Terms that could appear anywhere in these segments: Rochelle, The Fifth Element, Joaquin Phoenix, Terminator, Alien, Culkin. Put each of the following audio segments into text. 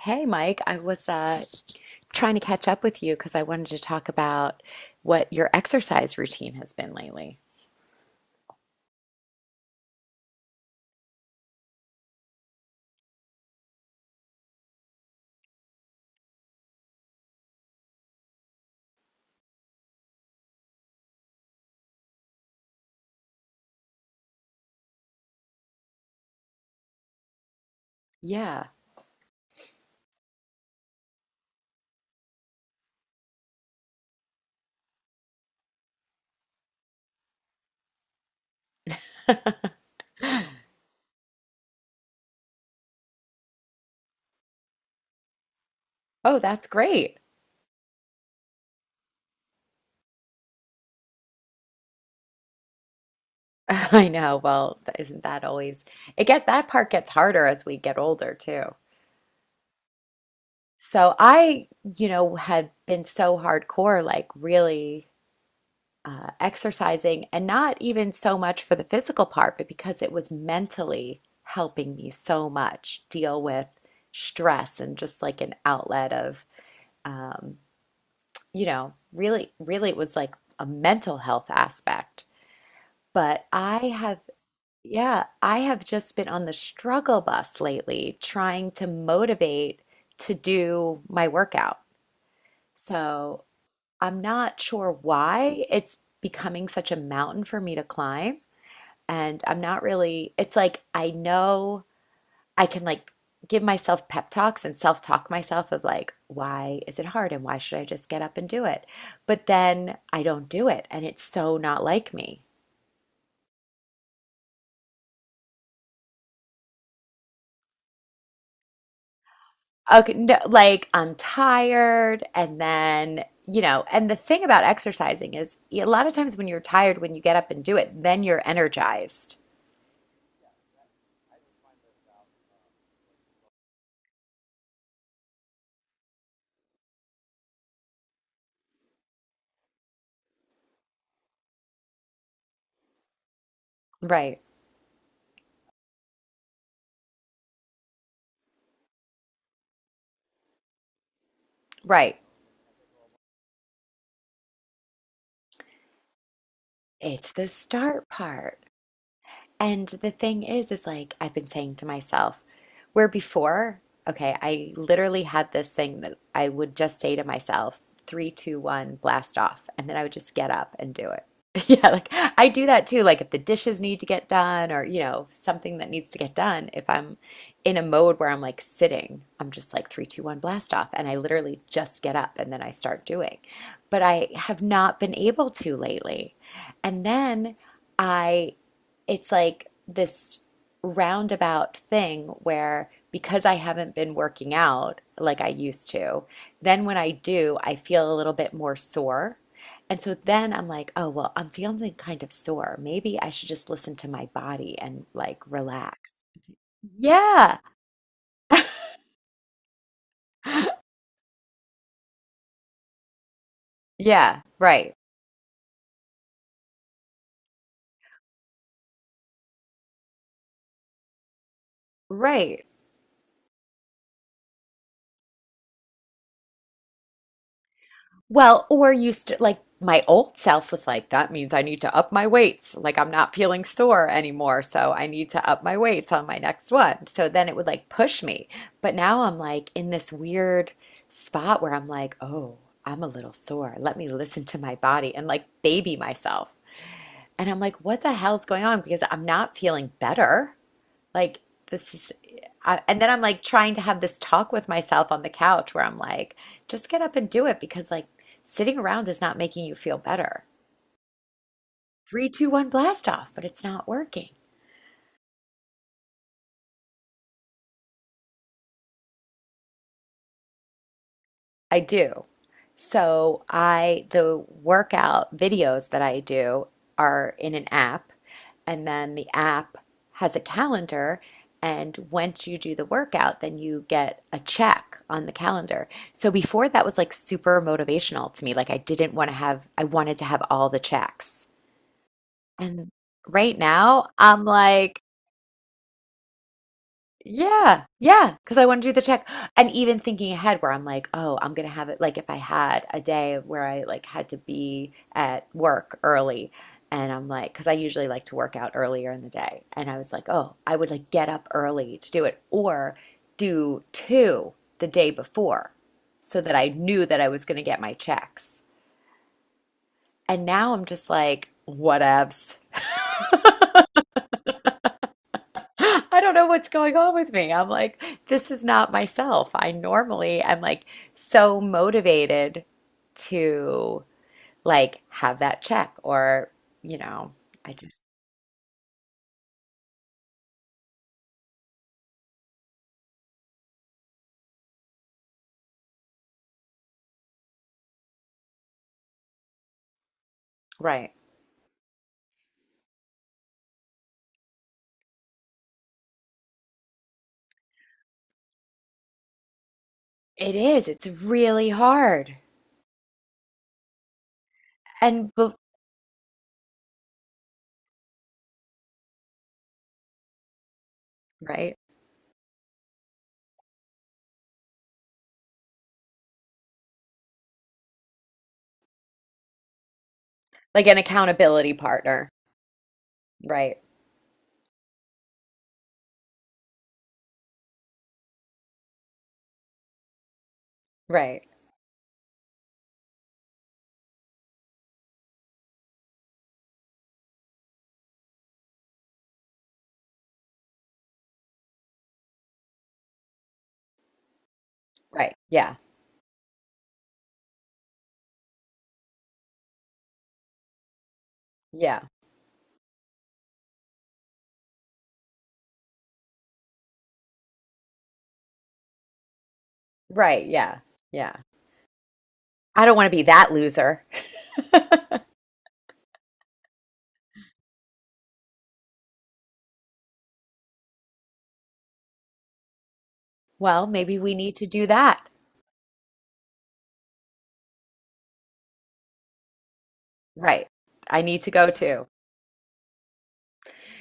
Hey, Mike, I was trying to catch up with you because I wanted to talk about what your exercise routine has been lately. Yeah. Oh, that's great. I know. Well, isn't that always it get that part gets harder as we get older too. So I had been so hardcore, like really exercising and not even so much for the physical part, but because it was mentally helping me so much deal with stress and just like an outlet of um, really it was like a mental health aspect. But I have, yeah, I have just been on the struggle bus lately trying to motivate to do my workout. So I'm not sure why it's becoming such a mountain for me to climb. And I'm not really, it's like I know. I can like give myself pep talks and self-talk myself of like, why is it hard and why should I just get up and do it? But then I don't do it and it's so not like me. Okay, no, like I'm tired and then, you know, and the thing about exercising is a lot of times when you're tired, when you get up and do it, then you're energized. Right, right. It's the start part. And the thing is like I've been saying to myself, where before, okay, I literally had this thing that I would just say to myself, three, two, one, blast off. And then I would just get up and do it. Yeah, like I do that too. Like if the dishes need to get done or, you know, something that needs to get done, if I'm in a mode where I'm like sitting, I'm just like three, two, one, blast off. And I literally just get up and then I start doing. But I have not been able to lately. And then I it's like this roundabout thing where because I haven't been working out like I used to, then when I do, I feel a little bit more sore. And so then I'm like, oh, well, I'm feeling kind of sore. Maybe I should just listen to my body and like relax. Yeah. Yeah. Right. Right. Well, or you st like my old self was like, that means I need to up my weights. Like I'm not feeling sore anymore, so I need to up my weights on my next one. So then it would like push me. But now I'm like in this weird spot where I'm like, oh, I'm a little sore. Let me listen to my body and like baby myself. And I'm like, what the hell's going on? Because I'm not feeling better. Like this is, and then I'm like trying to have this talk with myself on the couch where I'm like, just get up and do it because like sitting around is not making you feel better. Three, two, one, blast off, but it's not working. I do. So I the workout videos that I do are in an app, and then the app has a calendar. And once you do the workout, then you get a check on the calendar. So before that was like super motivational to me. Like I didn't want to have, I wanted to have all the checks. And right now I'm like, yeah, because I want to do the check. And even thinking ahead where I'm like, oh, I'm gonna have it like if I had a day where I like had to be at work early and I'm like, because I usually like to work out earlier in the day. And I was like, oh, I would like get up early to do it or do two the day before so that I knew that I was gonna get my checks. And now I'm just like, whatevs. I don't know what's going on with me. I'm like, this is not myself. I normally am like so motivated to like have that check or, you know, I just, right. It is. It's really hard. And, right. Like an accountability partner. Right. Right. Right. Yeah. Yeah. Right. Yeah. Yeah. I don't want to be that loser. Well, maybe we need to do that. Right. I need to go too.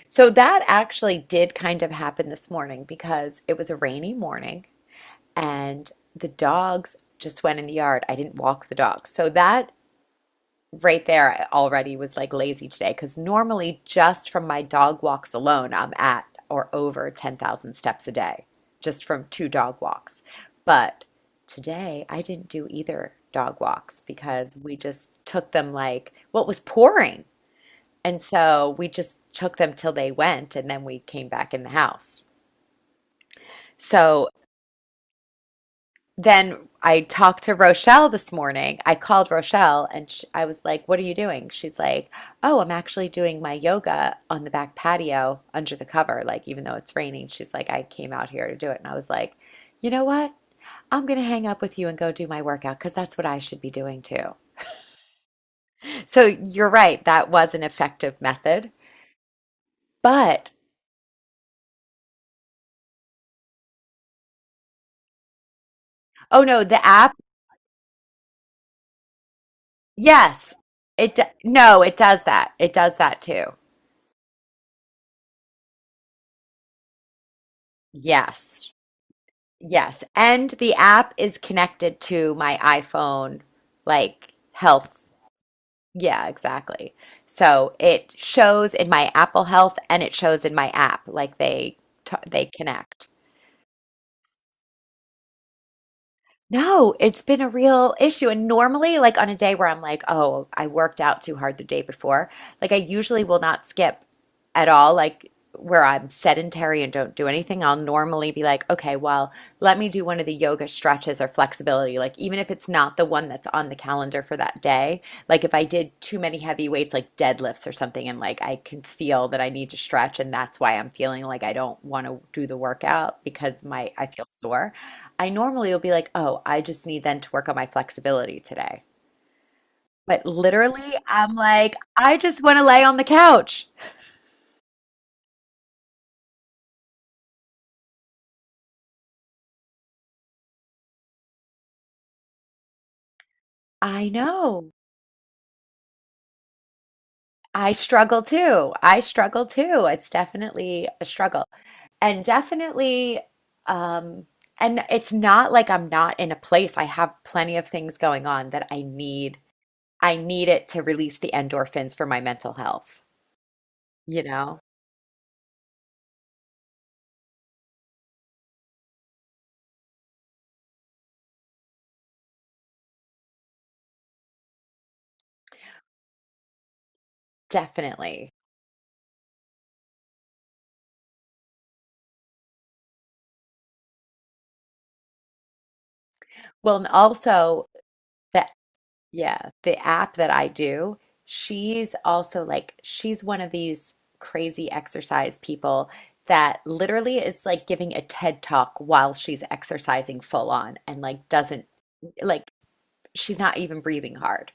So that actually did kind of happen this morning because it was a rainy morning and the dogs just went in the yard. I didn't walk the dogs. So that right there I already was like lazy today because normally just from my dog walks alone, I'm at or over 10,000 steps a day just from two dog walks. But today I didn't do either dog walks because we just took them like what was pouring. And so we just took them till they went, and then we came back in the house. So then I talked to Rochelle this morning. I called Rochelle and sh I was like, "What are you doing?" She's like, "Oh, I'm actually doing my yoga on the back patio under the cover." Like, even though it's raining, she's like, "I came out here to do it." And I was like, "You know what? I'm going to hang up with you and go do my workout because that's what I should be doing too." So you're right. That was an effective method. But oh no, the app. Yes. No, it does that. It does that too. Yes. Yes. And the app is connected to my iPhone like health. Yeah, exactly. So it shows in my Apple Health and it shows in my app like they connect. No, it's been a real issue. And normally, like on a day where I'm like, oh, I worked out too hard the day before, like I usually will not skip at all. Like where I'm sedentary and don't do anything, I'll normally be like, okay, well, let me do one of the yoga stretches or flexibility. Like even if it's not the one that's on the calendar for that day, like if I did too many heavy weights, like deadlifts or something, and like I can feel that I need to stretch, and that's why I'm feeling like I don't want to do the workout because my I feel sore. I normally will be like, oh, I just need then to work on my flexibility today. But literally, I'm like, I just want to lay on the couch. I know. I struggle too. I struggle too. It's definitely a struggle. And definitely, um, and it's not like I'm not in a place. I have plenty of things going on that I need. I need it to release the endorphins for my mental health, you know? Definitely. Well, and also the Yeah, the app that I do, she's also like, she's one of these crazy exercise people that literally is like giving a TED talk while she's exercising full on and like doesn't, like, she's not even breathing hard.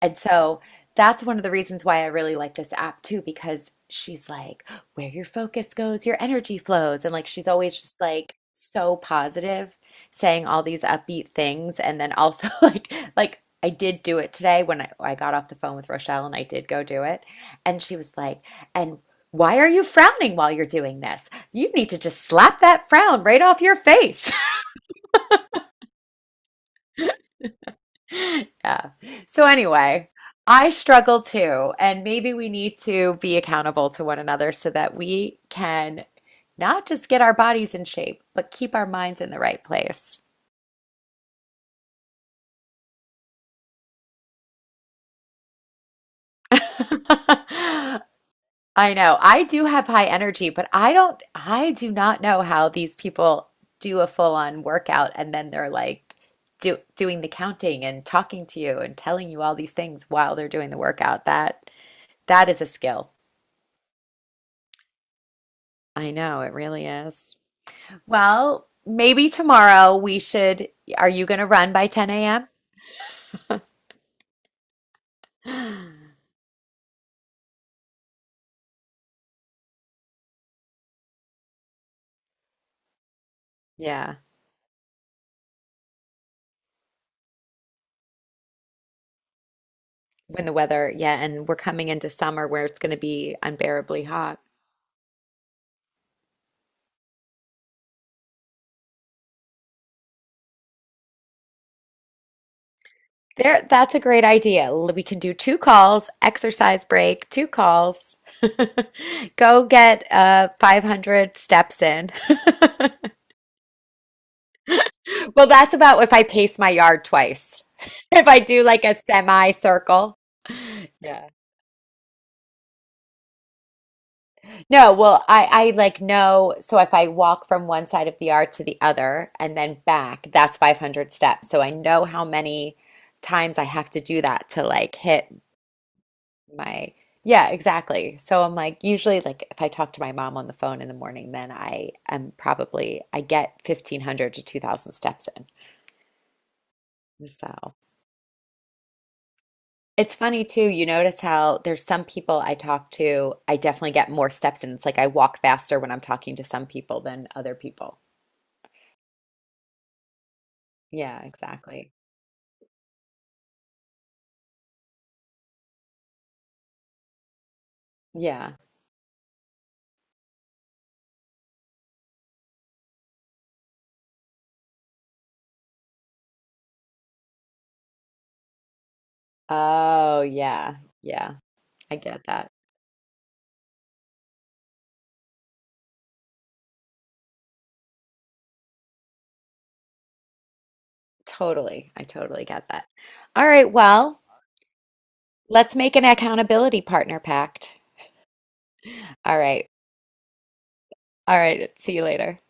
And so that's one of the reasons why I really like this app too, because she's like, where your focus goes, your energy flows. And like, she's always just like so positive, saying all these upbeat things. And then also like I did do it today when I got off the phone with Rochelle and I did go do it. And she was like, and why are you frowning while you're doing this? You need to just slap that frown right off your face. Yeah. So anyway, I struggle too, and maybe we need to be accountable to one another so that we can not just get our bodies in shape, but keep our minds in the right place. I know. I do have high energy, but I don't, I do not know how these people do a full-on workout and then they're like doing the counting and talking to you and telling you all these things while they're doing the workout. That is a skill. I know, it really is. Well, maybe tomorrow we should. Are you going to run by 10 a.m.? Yeah, when the weather, yeah, and we're coming into summer where it's going to be unbearably hot. There, that's a great idea. We can do two calls, exercise break, two calls. Go get 500 steps in. Well, that's about if I pace my yard twice. If I do like a semicircle. Yeah. No, well, I like know. So if I walk from one side of the yard to the other and then back, that's 500 steps. So I know how many times I have to do that to like hit my, yeah, exactly. So I'm like, usually, like if I talk to my mom on the phone in the morning, then I am probably, I get 1,500 to 2,000 steps in. So it's funny too. You notice how there's some people I talk to, I definitely get more steps in. It's like I walk faster when I'm talking to some people than other people. Yeah, exactly. Yeah. Oh, yeah. Yeah. I get that. Totally. I totally get that. All right. Well, let's make an accountability partner pact. All right. All right. See you later.